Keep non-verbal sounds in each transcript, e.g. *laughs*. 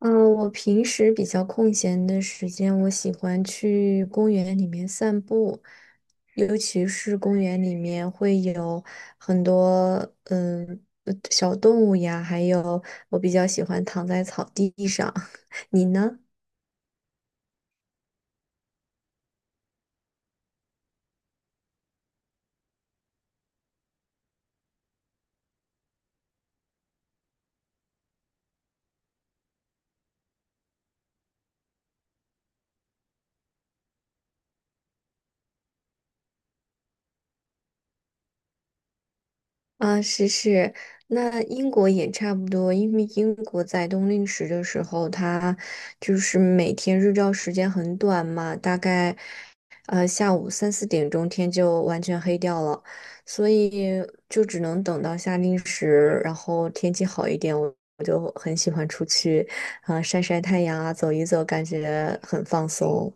嗯，我平时比较空闲的时间，我喜欢去公园里面散步，尤其是公园里面会有很多小动物呀，还有我比较喜欢躺在草地上。*laughs* 你呢？啊，是是，那英国也差不多，因为英国在冬令时的时候，它就是每天日照时间很短嘛，大概。下午三四点钟天就完全黑掉了，所以就只能等到夏令时，然后天气好一点，我就很喜欢出去，啊、晒晒太阳啊，走一走，感觉很放松。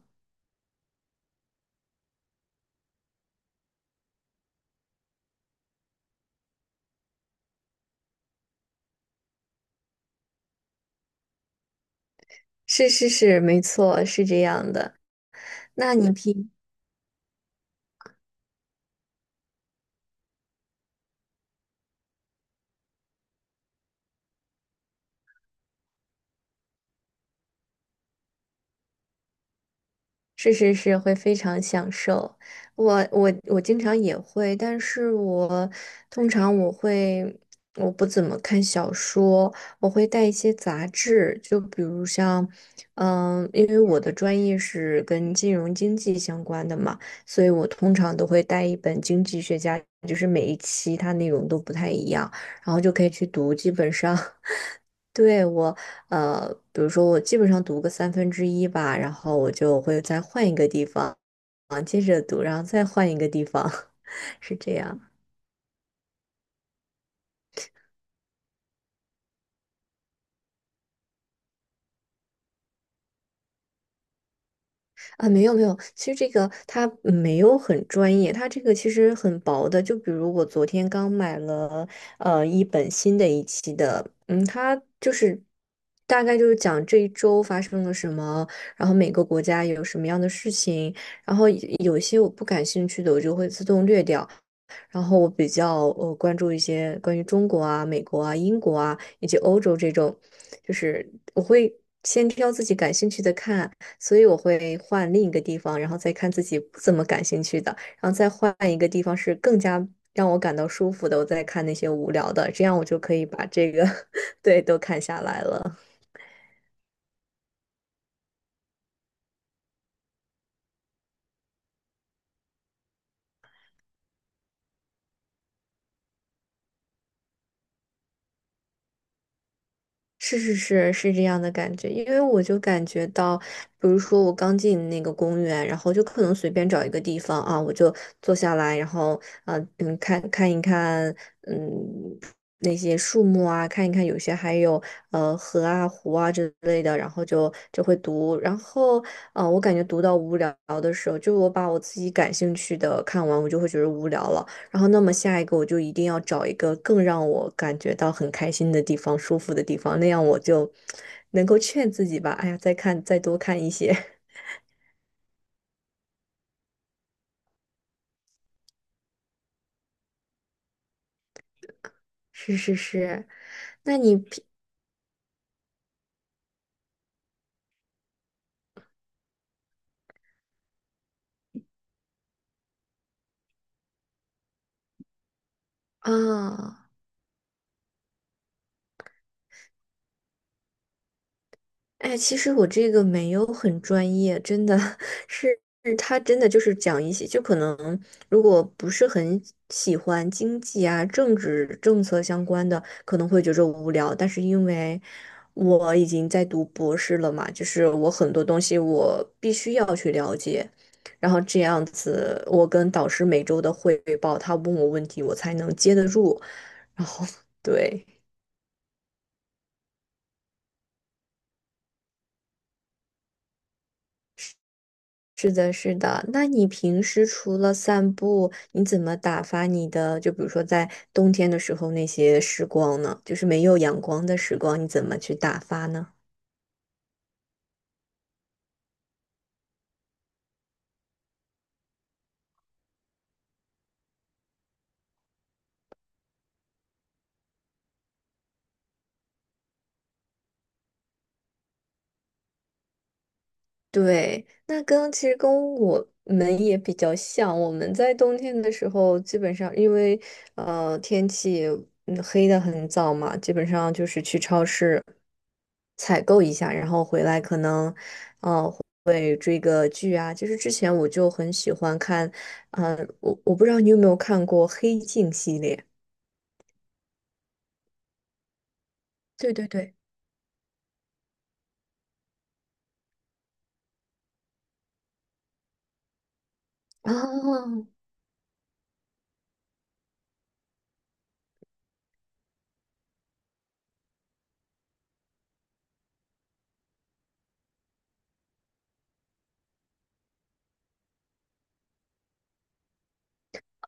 是是是，没错，是这样的。那你平是是是，会非常享受。我经常也会，但是我通常我会我不怎么看小说，我会带一些杂志，就比如像，嗯，因为我的专业是跟金融经济相关的嘛，所以我通常都会带一本经济学家，就是每一期它内容都不太一样，然后就可以去读，基本上。对我，呃，比如说我基本上读个三分之一吧，然后我就会再换一个地方，接着读，然后再换一个地方，*laughs* 是这样啊？没有没有，其实这个它没有很专业，它这个其实很薄的。就比如我昨天刚买了一本新的一期的，嗯，它就是大概就是讲这一周发生了什么，然后每个国家有什么样的事情，然后有些我不感兴趣的我就会自动略掉。然后我比较关注一些关于中国啊、美国啊、英国啊以及欧洲这种，就是我会先挑自己感兴趣的看，所以我会换另一个地方，然后再看自己不怎么感兴趣的，然后再换一个地方是更加让我感到舒服的，我再看那些无聊的，这样我就可以把这个 *laughs* 对都看下来了。是是是是这样的感觉，因为我就感觉到，比如说我刚进那个公园，然后就可能随便找一个地方啊，我就坐下来，然后看一看嗯那些树木啊，看一看有些还有河啊湖啊之类的，然后就会读，然后啊我感觉读到无聊的时候，就我把我自己感兴趣的看完，我就会觉得无聊了。然后，那么下一个我就一定要找一个更让我感觉到很开心的地方、舒服的地方，那样我就能够劝自己吧。哎呀，再看，再多看一些。*laughs* 是是是，那你平啊？哎，其实我这个没有很专业，真的 *laughs* 是他真的就是讲一些，就可能如果不是很喜欢经济啊、政治政策相关的，可能会觉着无聊。但是因为我已经在读博士了嘛，就是我很多东西我必须要去了解，然后这样子我跟导师每周的汇报，他问我问题，我才能接得住。然后 *laughs* 对。是的，是的。那你平时除了散步，你怎么打发你的？就比如说在冬天的时候那些时光呢？就是没有阳光的时光，你怎么去打发呢？对，那跟其实跟我们也比较像。我们在冬天的时候，基本上因为天气嗯黑的很早嘛，基本上就是去超市采购一下，然后回来可能我就很喜欢看，啊，我不知道你有没有看过《黑镜》系列对对对，哦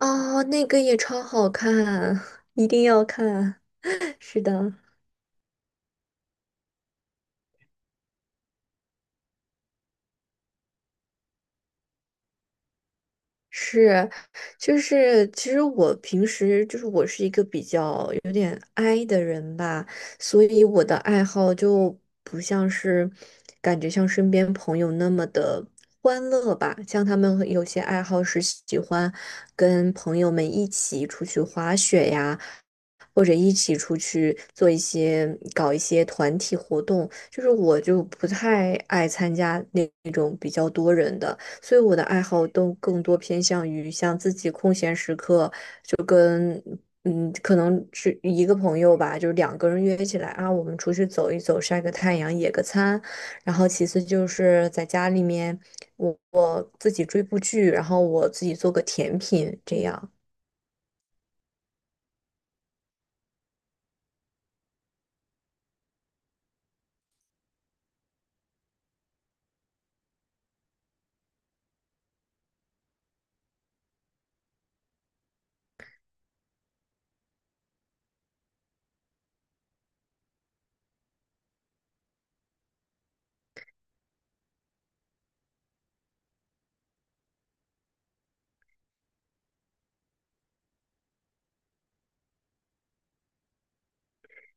哦，那个也超好看，*laughs* 一定要看。*laughs* 是的，是，就是其实我平时就是我是一个比较有点 i 的人吧，所以我的爱好就不像是感觉像身边朋友那么的欢乐吧，像他们有些爱好是喜欢跟朋友们一起出去滑雪呀。或者一起出去做一些，搞一些团体活动，就是我就不太爱参加那种比较多人的，所以我的爱好都更多偏向于像自己空闲时刻，就跟嗯，可能是一个朋友吧，就是两个人约起来啊，我们出去走一走，晒个太阳，野个餐。然后其次就是在家里面，我自己追部剧，然后我自己做个甜品，这样。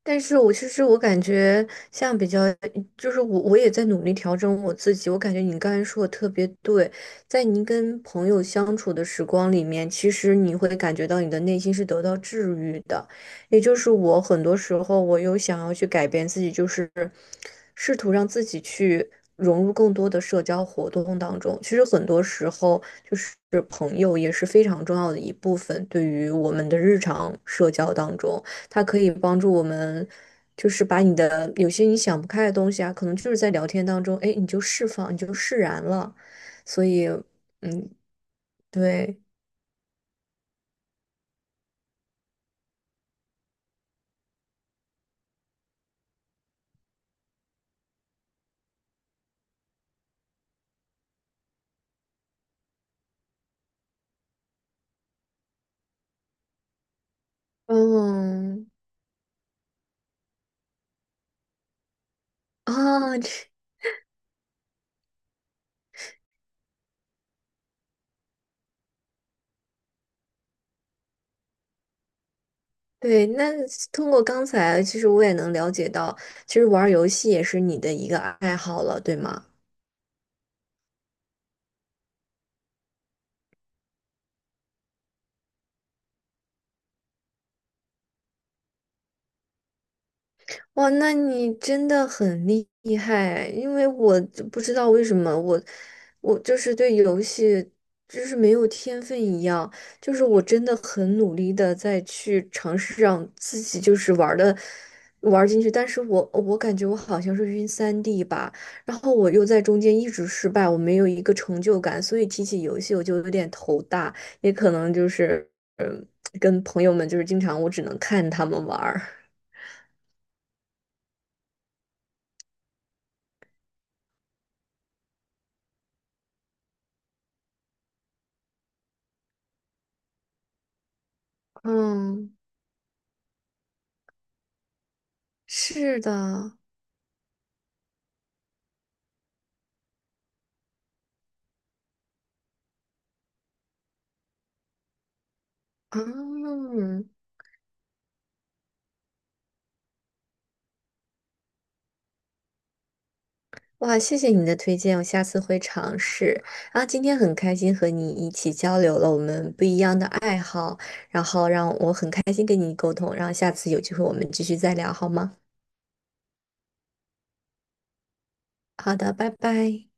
但是我其实我感觉像比较，就是我也在努力调整我自己。我感觉你刚才说的特别对，在你跟朋友相处的时光里面，其实你会感觉到你的内心是得到治愈的。也就是我很多时候，我有想要去改变自己，就是试图让自己去融入更多的社交活动当中。其实很多时候，就是朋友也是非常重要的一部分，对于我们的日常社交当中。它可以帮助我们，就是把你的有些你想不开的东西啊，可能就是在聊天当中，哎，你就释放，你就释然了。所以，嗯，对，嗯，啊，这对，那通过刚才，其实我也能了解到，其实玩儿游戏也是你的一个爱好了，对吗？哇，那你真的很厉害，因为我就不知道为什么我就是对游戏就是没有天分一样，就是我真的很努力的在去尝试让自己就是玩的玩进去，但是我感觉我好像是晕三 d 吧，然后我又在中间一直失败，我没有一个成就感，所以提起游戏我就有点头大，也可能就是嗯跟朋友们就是经常我只能看他们玩儿，嗯。是的，嗯，哇，谢谢你的推荐，我下次会尝试。啊，今天很开心和你一起交流了我们不一样的爱好，然后让我很开心跟你沟通，然后下次有机会我们继续再聊好吗？好的，拜拜。